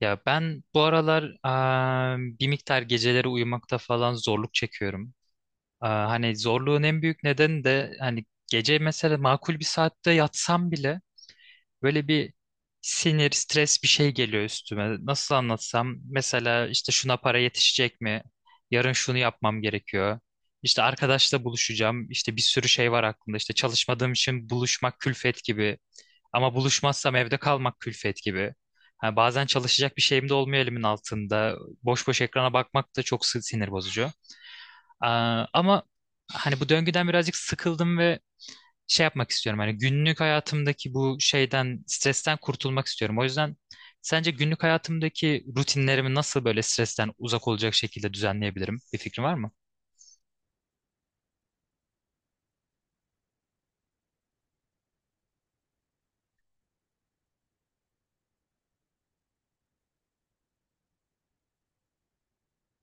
Ya ben bu aralar bir miktar geceleri uyumakta falan zorluk çekiyorum. Hani zorluğun en büyük nedeni de hani gece mesela makul bir saatte yatsam bile böyle bir sinir, stres bir şey geliyor üstüme. Nasıl anlatsam, mesela işte şuna para yetişecek mi? Yarın şunu yapmam gerekiyor. İşte arkadaşla buluşacağım. İşte bir sürü şey var aklımda. İşte çalışmadığım için buluşmak külfet gibi. Ama buluşmazsam evde kalmak külfet gibi. Ha, bazen çalışacak bir şeyim de olmuyor elimin altında. Boş boş ekrana bakmak da çok sinir bozucu. Ama hani bu döngüden birazcık sıkıldım ve şey yapmak istiyorum. Hani günlük hayatımdaki bu şeyden, stresten kurtulmak istiyorum. O yüzden sence günlük hayatımdaki rutinlerimi nasıl böyle stresten uzak olacak şekilde düzenleyebilirim? Bir fikrin var mı?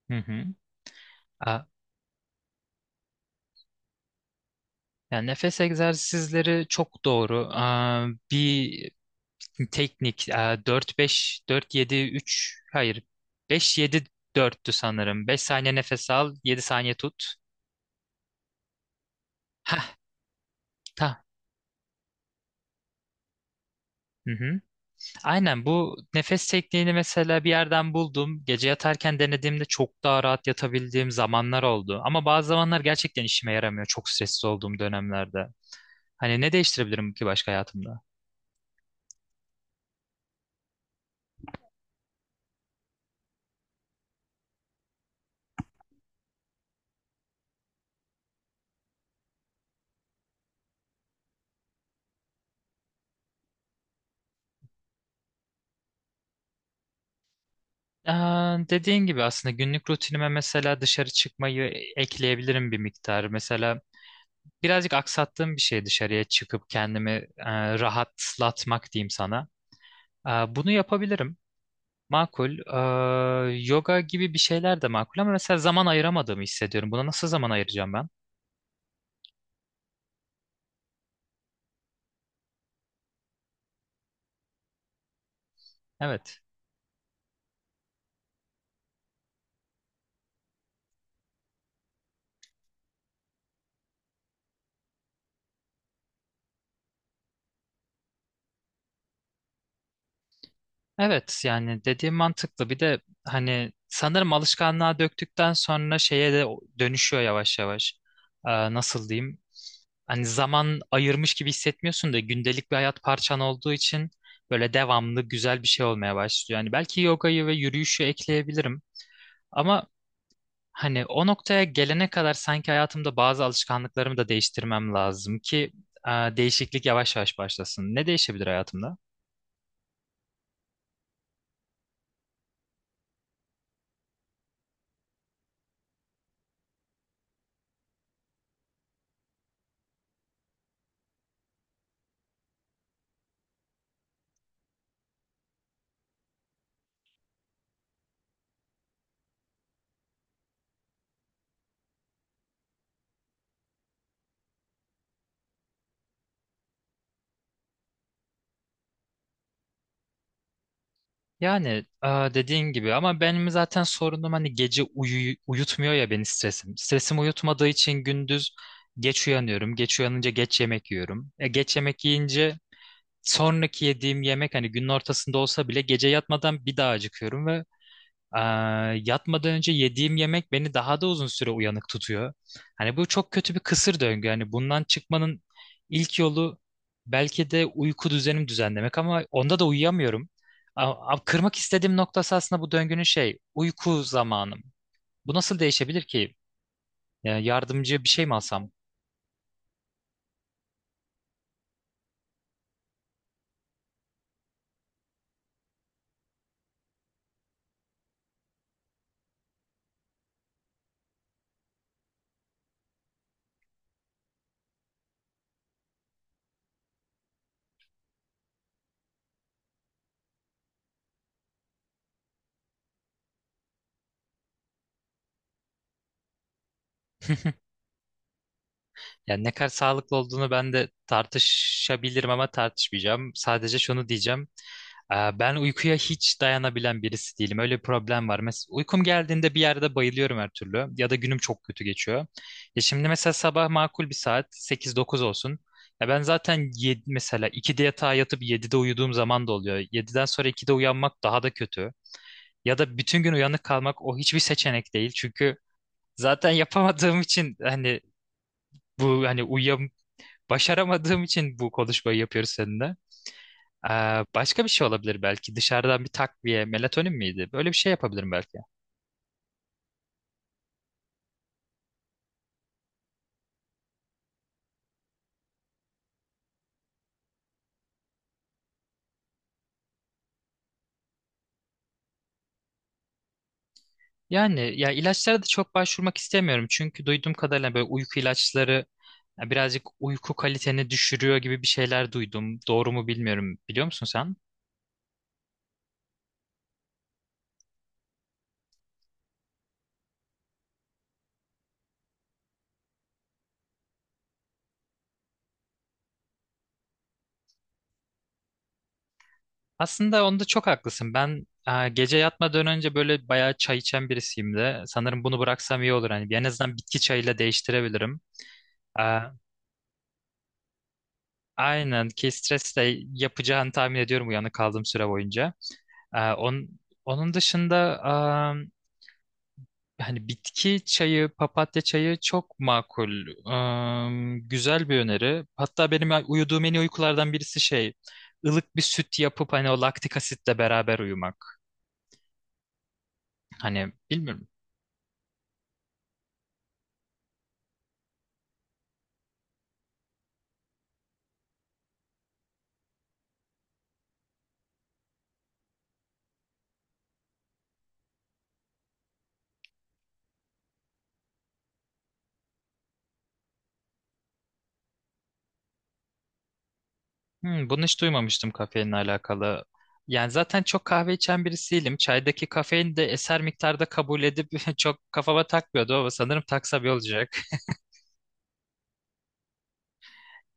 Hı hı. Aa, Yani nefes egzersizleri çok doğru. Bir teknik, 4-5, 4-7-3, hayır, 5-7-4'tü sanırım. 5 saniye nefes al, 7 saniye tut. Hah, ta. Hı hı. Aynen, bu nefes tekniğini mesela bir yerden buldum. Gece yatarken denediğimde çok daha rahat yatabildiğim zamanlar oldu. Ama bazı zamanlar gerçekten işime yaramıyor, çok stressiz olduğum dönemlerde. Hani ne değiştirebilirim ki başka hayatımda? Ee, Dediğin gibi aslında günlük rutinime mesela dışarı çıkmayı ekleyebilirim bir miktar. Mesela birazcık aksattığım bir şey, dışarıya çıkıp kendimi rahatlatmak diyeyim sana. Ee, Bunu yapabilirim. Makul. Yoga gibi bir şeyler de makul ama mesela zaman ayıramadığımı hissediyorum. Buna nasıl zaman ayıracağım ben? Evet. Evet, yani dediğim mantıklı. Bir de hani sanırım alışkanlığa döktükten sonra şeye de dönüşüyor yavaş yavaş. Nasıl diyeyim? Hani zaman ayırmış gibi hissetmiyorsun da gündelik bir hayat parçan olduğu için böyle devamlı güzel bir şey olmaya başlıyor. Yani belki yogayı ve yürüyüşü ekleyebilirim. Ama hani o noktaya gelene kadar sanki hayatımda bazı alışkanlıklarımı da değiştirmem lazım ki değişiklik yavaş yavaş başlasın. Ne değişebilir hayatımda? Yani dediğin gibi, ama benim zaten sorunum hani gece uyutmuyor ya beni stresim. Stresim uyutmadığı için gündüz geç uyanıyorum. Geç uyanınca geç yemek yiyorum. Geç yemek yiyince sonraki yediğim yemek, hani günün ortasında olsa bile, gece yatmadan bir daha acıkıyorum ve Ee, yatmadan önce yediğim yemek beni daha da uzun süre uyanık tutuyor. Hani bu çok kötü bir kısır döngü. Hani bundan çıkmanın ilk yolu belki de uyku düzenimi düzenlemek, ama onda da uyuyamıyorum. Kırmak istediğim noktası aslında bu döngünün şey, uyku zamanım. Bu nasıl değişebilir ki? Yani yardımcı bir şey mi alsam? Yani ne kadar sağlıklı olduğunu ben de tartışabilirim ama tartışmayacağım. Sadece şunu diyeceğim. Ben uykuya hiç dayanabilen birisi değilim. Öyle bir problem var. Mesela uykum geldiğinde bir yerde bayılıyorum her türlü. Ya da günüm çok kötü geçiyor. Ya şimdi mesela sabah makul bir saat 8-9 olsun. Ya ben zaten yedi, mesela 2'de yatağa yatıp 7'de uyuduğum zaman da oluyor. 7'den sonra 2'de uyanmak daha da kötü. Ya da bütün gün uyanık kalmak, o hiçbir seçenek değil. Çünkü zaten yapamadığım için, hani bu hani başaramadığım için bu konuşmayı yapıyoruz seninle. Ee, Başka bir şey olabilir belki. Dışarıdan bir takviye, melatonin miydi? Böyle bir şey yapabilirim belki. Yani ya, ilaçlara da çok başvurmak istemiyorum. Çünkü duyduğum kadarıyla böyle uyku ilaçları ya birazcık uyku kaliteni düşürüyor gibi bir şeyler duydum. Doğru mu bilmiyorum. Biliyor musun sen? Aslında onda çok haklısın. Ben gece yatmadan önce böyle bayağı çay içen birisiyim de. Sanırım bunu bıraksam iyi olur. Hani en azından bitki çayıyla değiştirebilirim. Ee, aynen, ki stresle yapacağını tahmin ediyorum uyanık kaldığım süre boyunca. Ee, on, Onun dışında, hani bitki çayı, papatya çayı çok makul. Güzel bir öneri. Hatta benim uyuduğum en iyi uykulardan birisi şey, ılık bir süt yapıp hani o laktik asitle beraber uyumak. Hani bilmiyorum. Hmm, bunu hiç duymamıştım kafeinle alakalı. Yani zaten çok kahve içen birisiyim. Çaydaki kafein de eser miktarda kabul edip çok kafama takmıyordu ama sanırım taksa bir olacak.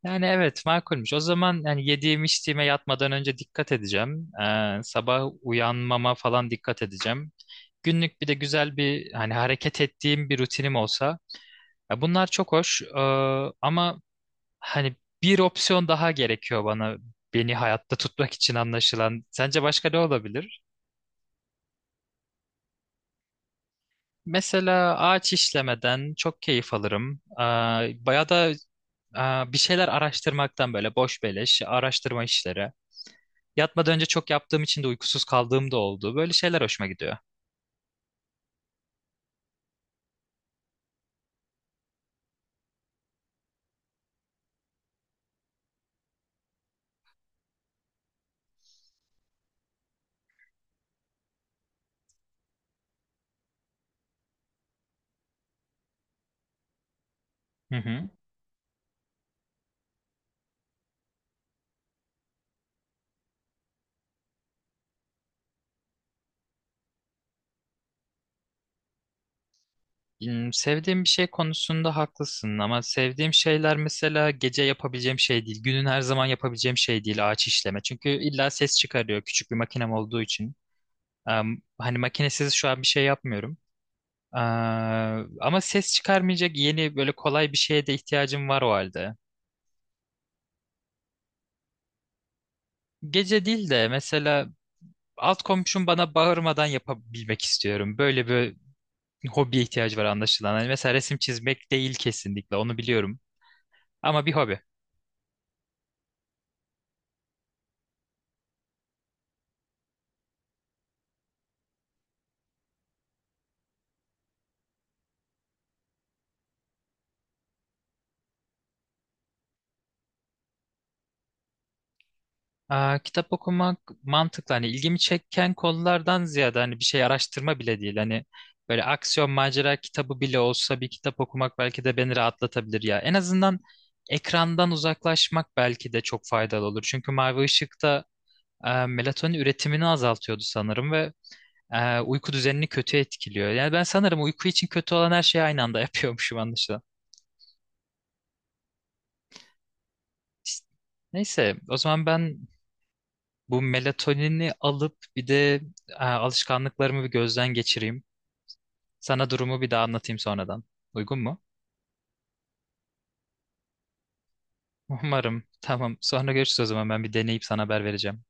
Yani evet, makulmüş. O zaman yani yediğim içtiğime yatmadan önce dikkat edeceğim. Sabah uyanmama falan dikkat edeceğim. Günlük bir de güzel bir hani hareket ettiğim bir rutinim olsa. Ya bunlar çok hoş ama hani bir opsiyon daha gerekiyor bana, beni hayatta tutmak için anlaşılan. Sence başka ne olabilir? Mesela ağaç işlemeden çok keyif alırım. Bayağı da bir şeyler araştırmaktan, böyle boş beleş araştırma işleri. Yatmadan önce çok yaptığım için de uykusuz kaldığım da oldu. Böyle şeyler hoşuma gidiyor. Hı hı. Hmm, sevdiğim bir şey konusunda haklısın ama sevdiğim şeyler mesela gece yapabileceğim şey değil. Günün her zaman yapabileceğim şey değil ağaç işleme. Çünkü illa ses çıkarıyor, küçük bir makinem olduğu için. Hani makinesiz şu an bir şey yapmıyorum. Ama ses çıkarmayacak yeni böyle kolay bir şeye de ihtiyacım var o halde. Gece değil de mesela alt komşum bana bağırmadan yapabilmek istiyorum. Böyle bir hobiye ihtiyacı var anlaşılan. Hani mesela resim çizmek değil, kesinlikle onu biliyorum. Ama bir hobi. Kitap okumak mantıklı. Hani ilgimi çeken konulardan ziyade, hani bir şey araştırma bile değil. Hani böyle aksiyon macera kitabı bile olsa, bir kitap okumak belki de beni rahatlatabilir ya. En azından ekrandan uzaklaşmak belki de çok faydalı olur. Çünkü mavi ışıkta melatonin üretimini azaltıyordu sanırım ve uyku düzenini kötü etkiliyor. Yani ben sanırım uyku için kötü olan her şeyi aynı anda yapıyormuşum. İşte, neyse, o zaman ben bu melatonini alıp bir de alışkanlıklarımı bir gözden geçireyim. Sana durumu bir daha anlatayım sonradan. Uygun mu? Umarım. Tamam. Sonra görüşürüz o zaman. Ben bir deneyip sana haber vereceğim.